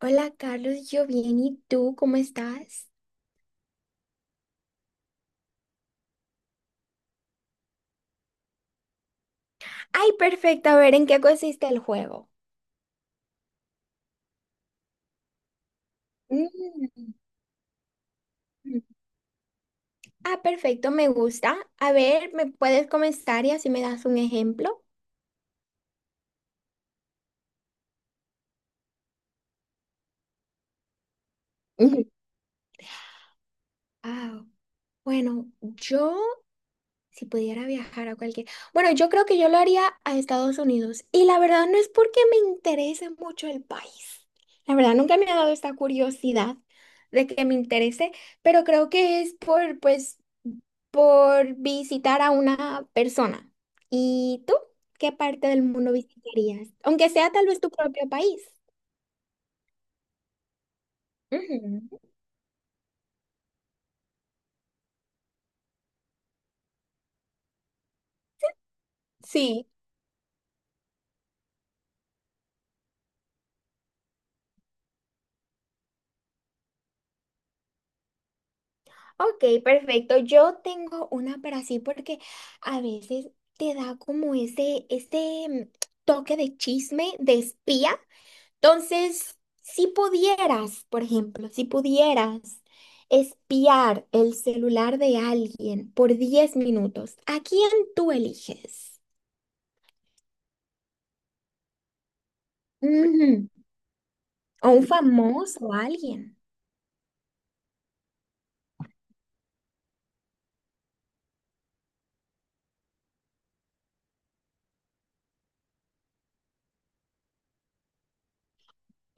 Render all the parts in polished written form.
Hola Carlos, yo bien, ¿y tú cómo estás? Ay, perfecto, a ver, ¿en qué consiste el juego? Mm. Ah, perfecto, me gusta. A ver, ¿me puedes comenzar y así me das un ejemplo? Ujú. Ah, bueno, yo, si pudiera viajar a cualquier... Bueno, yo creo que yo lo haría a Estados Unidos y la verdad no es porque me interese mucho el país. La verdad nunca me ha dado esta curiosidad de que me interese, pero creo que es por, pues... por visitar a una persona. ¿Y tú? ¿Qué parte del mundo visitarías? Aunque sea tal vez tu propio país. Ujú, sí, ok, perfecto. Yo tengo una, pero así porque a veces te da como ese toque de chisme, de espía. Entonces, si pudieras, por ejemplo, si pudieras espiar el celular de alguien por 10 minutos, ¿a quién tú eliges? O un famoso, o alguien.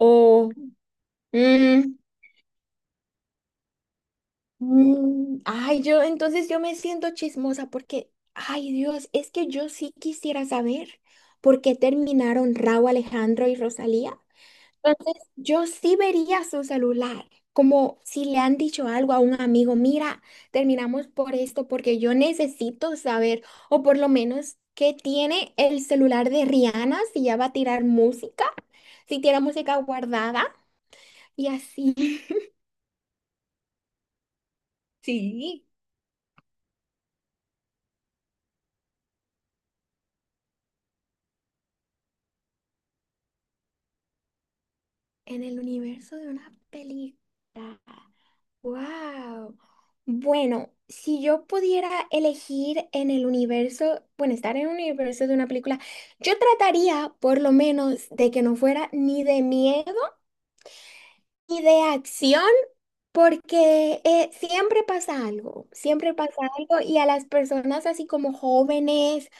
O... mm, ay, yo entonces yo me siento chismosa porque, ay Dios, es que yo sí quisiera saber por qué terminaron Raúl Alejandro y Rosalía. Entonces yo sí vería su celular, como si le han dicho algo a un amigo, mira, terminamos por esto porque yo necesito saber, o por lo menos qué tiene el celular de Rihanna si ya va a tirar música, si tiene música guardada. Y así, sí. En el universo de una película. ¡Wow! Bueno, si yo pudiera elegir en el universo, bueno, estar en el universo de una película, yo trataría por lo menos de que no fuera ni de miedo. Y de acción, porque siempre pasa algo y a las personas así como jóvenes,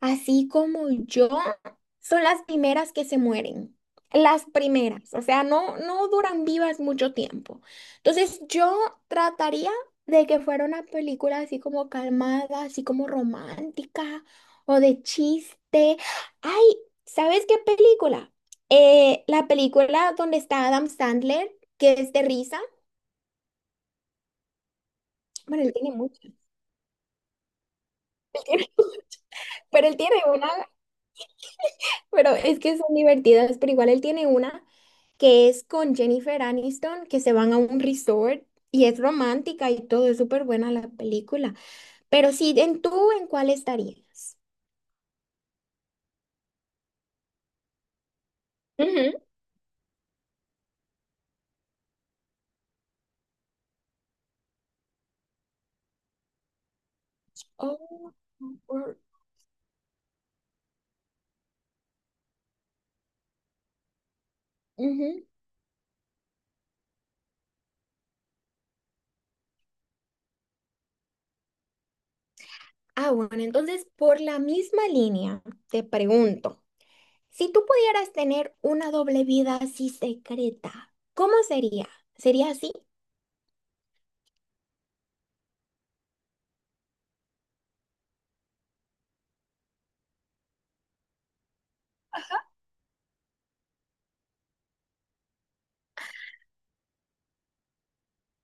así como yo, son las primeras que se mueren. Las primeras, o sea, no, no duran vivas mucho tiempo. Entonces yo trataría de que fuera una película así como calmada, así como romántica o de chiste. Ay, ¿sabes qué película? La película donde está Adam Sandler que es de risa. Bueno, él tiene mucho, él tiene mucho, pero él tiene una, pero es que son divertidas, pero igual él tiene una que es con Jennifer Aniston, que se van a un resort y es romántica y todo, es súper buena la película. Pero sí, en tú, ¿en cuál estarías? Ujú. Oh, por- ujú. Ah, bueno, entonces por la misma línea te pregunto, si tú pudieras tener una doble vida así secreta, ¿cómo sería? ¿Sería así?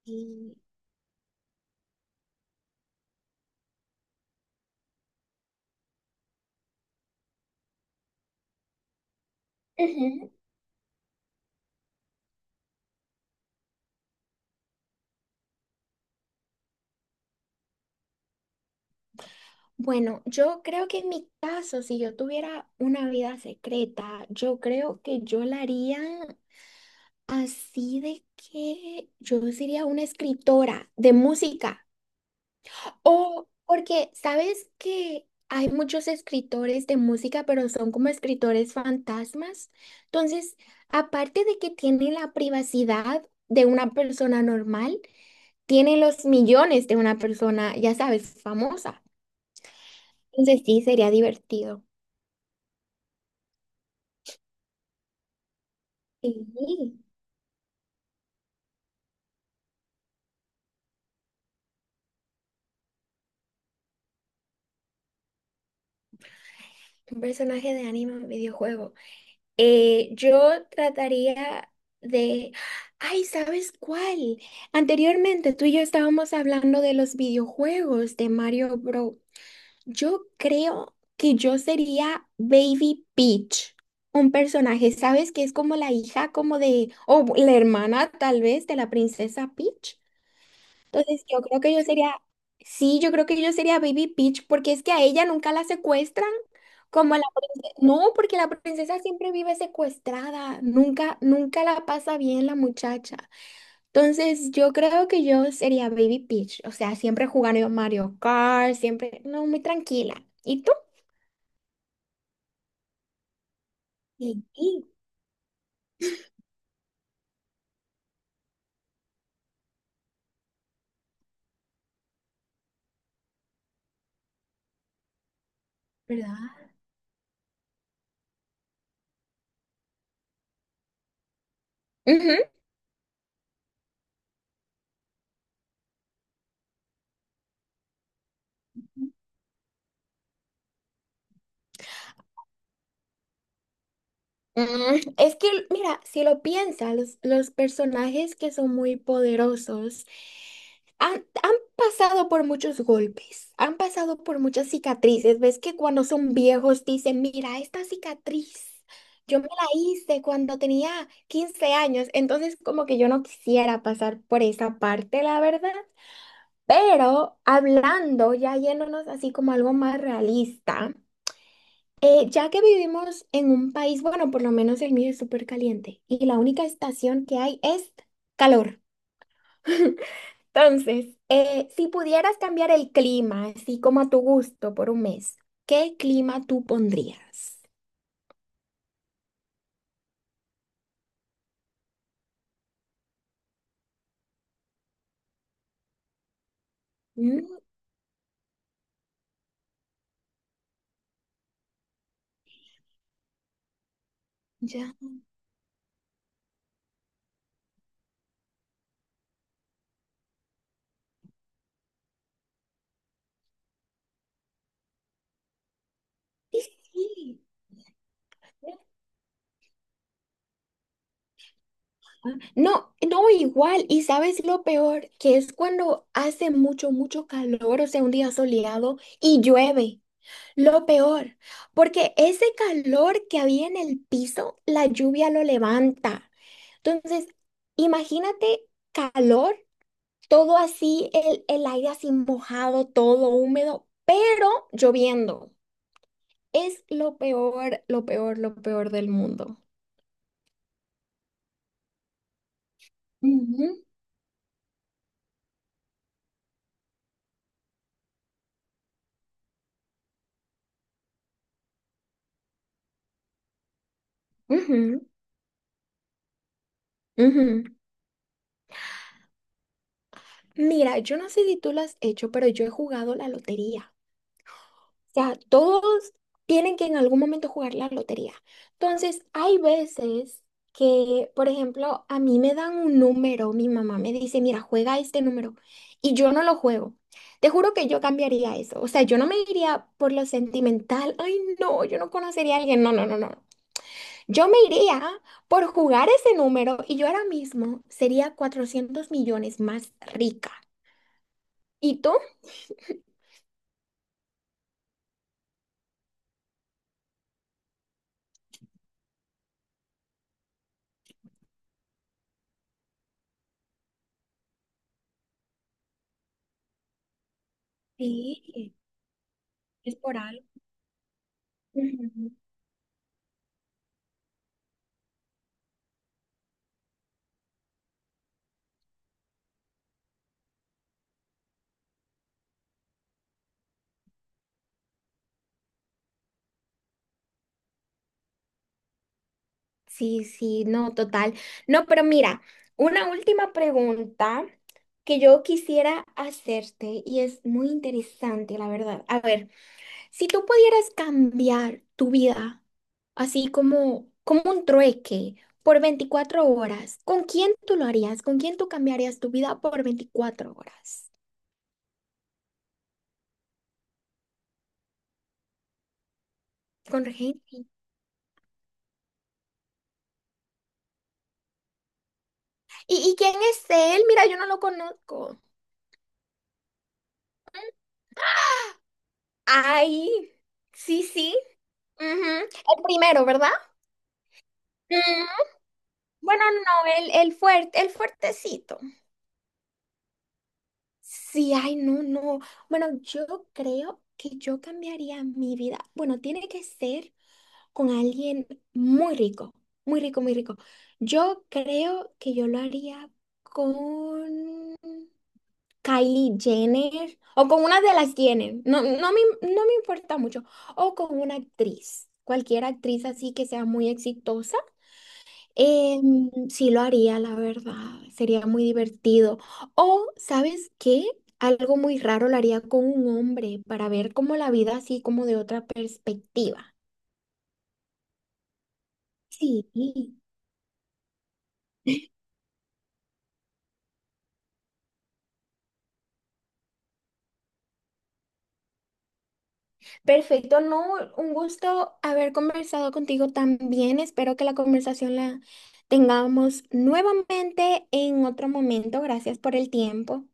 Y ujú. Bueno, yo creo que en mi caso, si yo tuviera una vida secreta, yo creo que yo la haría así de que yo sería una escritora de música. O porque, ¿sabes que hay muchos escritores de música, pero son como escritores fantasmas? Entonces, aparte de que tienen la privacidad de una persona normal, tienen los millones de una persona, ya sabes, famosa. Entonces sí, sería divertido. Sí, un personaje de anime en videojuego. Yo trataría de... Ay, ¿sabes cuál? Anteriormente tú y yo estábamos hablando de los videojuegos de Mario Bros. Yo creo que yo sería Baby Peach, un personaje, ¿sabes? Que es como la hija, como de... o la hermana tal vez de la princesa Peach. Entonces, yo creo que yo sería, sí, yo creo que yo sería Baby Peach, porque es que a ella nunca la secuestran, como a la princesa. No, porque la princesa siempre vive secuestrada, nunca, nunca la pasa bien la muchacha. Entonces, yo creo que yo sería Baby Peach, o sea, siempre jugando Mario Kart, siempre, no, muy tranquila. ¿Y tú? Sí, sí, ¿verdad? Ujú. Es que, mira, si lo piensas, los personajes que son muy poderosos han, han pasado por muchos golpes, han pasado por muchas cicatrices. Ves que cuando son viejos dicen, mira, esta cicatriz, yo me la hice cuando tenía 15 años, entonces como que yo no quisiera pasar por esa parte, la verdad. Pero hablando, ya yéndonos así como algo más realista. Ya que vivimos en un país, bueno, por lo menos el mío es súper caliente y la única estación que hay es calor. Entonces, si pudieras cambiar el clima, así como a tu gusto, por un mes, ¿qué clima tú pondrías? Mm, ya. Sí, sí. No, no igual. Y sabes lo peor, que es cuando hace mucho, mucho calor, o sea, un día soleado y llueve. Lo peor, porque ese calor que había en el piso, la lluvia lo levanta. Entonces, imagínate calor, todo así, el aire así mojado, todo húmedo, pero lloviendo. Es lo peor, lo peor, lo peor del mundo. Ujú. Ujú, ujú. Mira, yo no sé si tú lo has hecho, pero yo he jugado la lotería. Sea, todos tienen que en algún momento jugar la lotería. Entonces, hay veces que, por ejemplo, a mí me dan un número, mi mamá me dice, mira, juega este número, y yo no lo juego. Te juro que yo cambiaría eso. O sea, yo no me iría por lo sentimental. Ay, no, yo no conocería a alguien. No, no, no, no. Yo me iría por jugar ese número y yo ahora mismo sería 400 millones más rica. ¿Y tú? Sí, es por algo. Sí, sí, no, total. No, pero mira, una última pregunta que yo quisiera hacerte y es muy interesante, la verdad. A ver, si tú pudieras cambiar tu vida, así como, como un trueque, por 24 horas, ¿con quién tú lo harías? ¿Con quién tú cambiarías tu vida por 24 horas? Con gente. ¿Y quién es él? Mira, yo no lo conozco. Ay, sí, sí. Ujú, el primero, ¿verdad? Bueno, no, el fuerte, el fuertecito. Sí, ay, no, no. Bueno, yo creo que yo cambiaría mi vida. Bueno, tiene que ser con alguien muy rico, muy rico, muy rico. Yo creo que yo lo haría con Kylie Jenner o con una de las Jenner. No, no me importa mucho. O con una actriz, cualquier actriz así que sea muy exitosa. Sí lo haría, la verdad. Sería muy divertido. O, ¿sabes qué? Algo muy raro lo haría con un hombre para ver como la vida así como de otra perspectiva. Sí, perfecto. No, un gusto haber conversado contigo también. Espero que la conversación la tengamos nuevamente en otro momento. Gracias por el tiempo.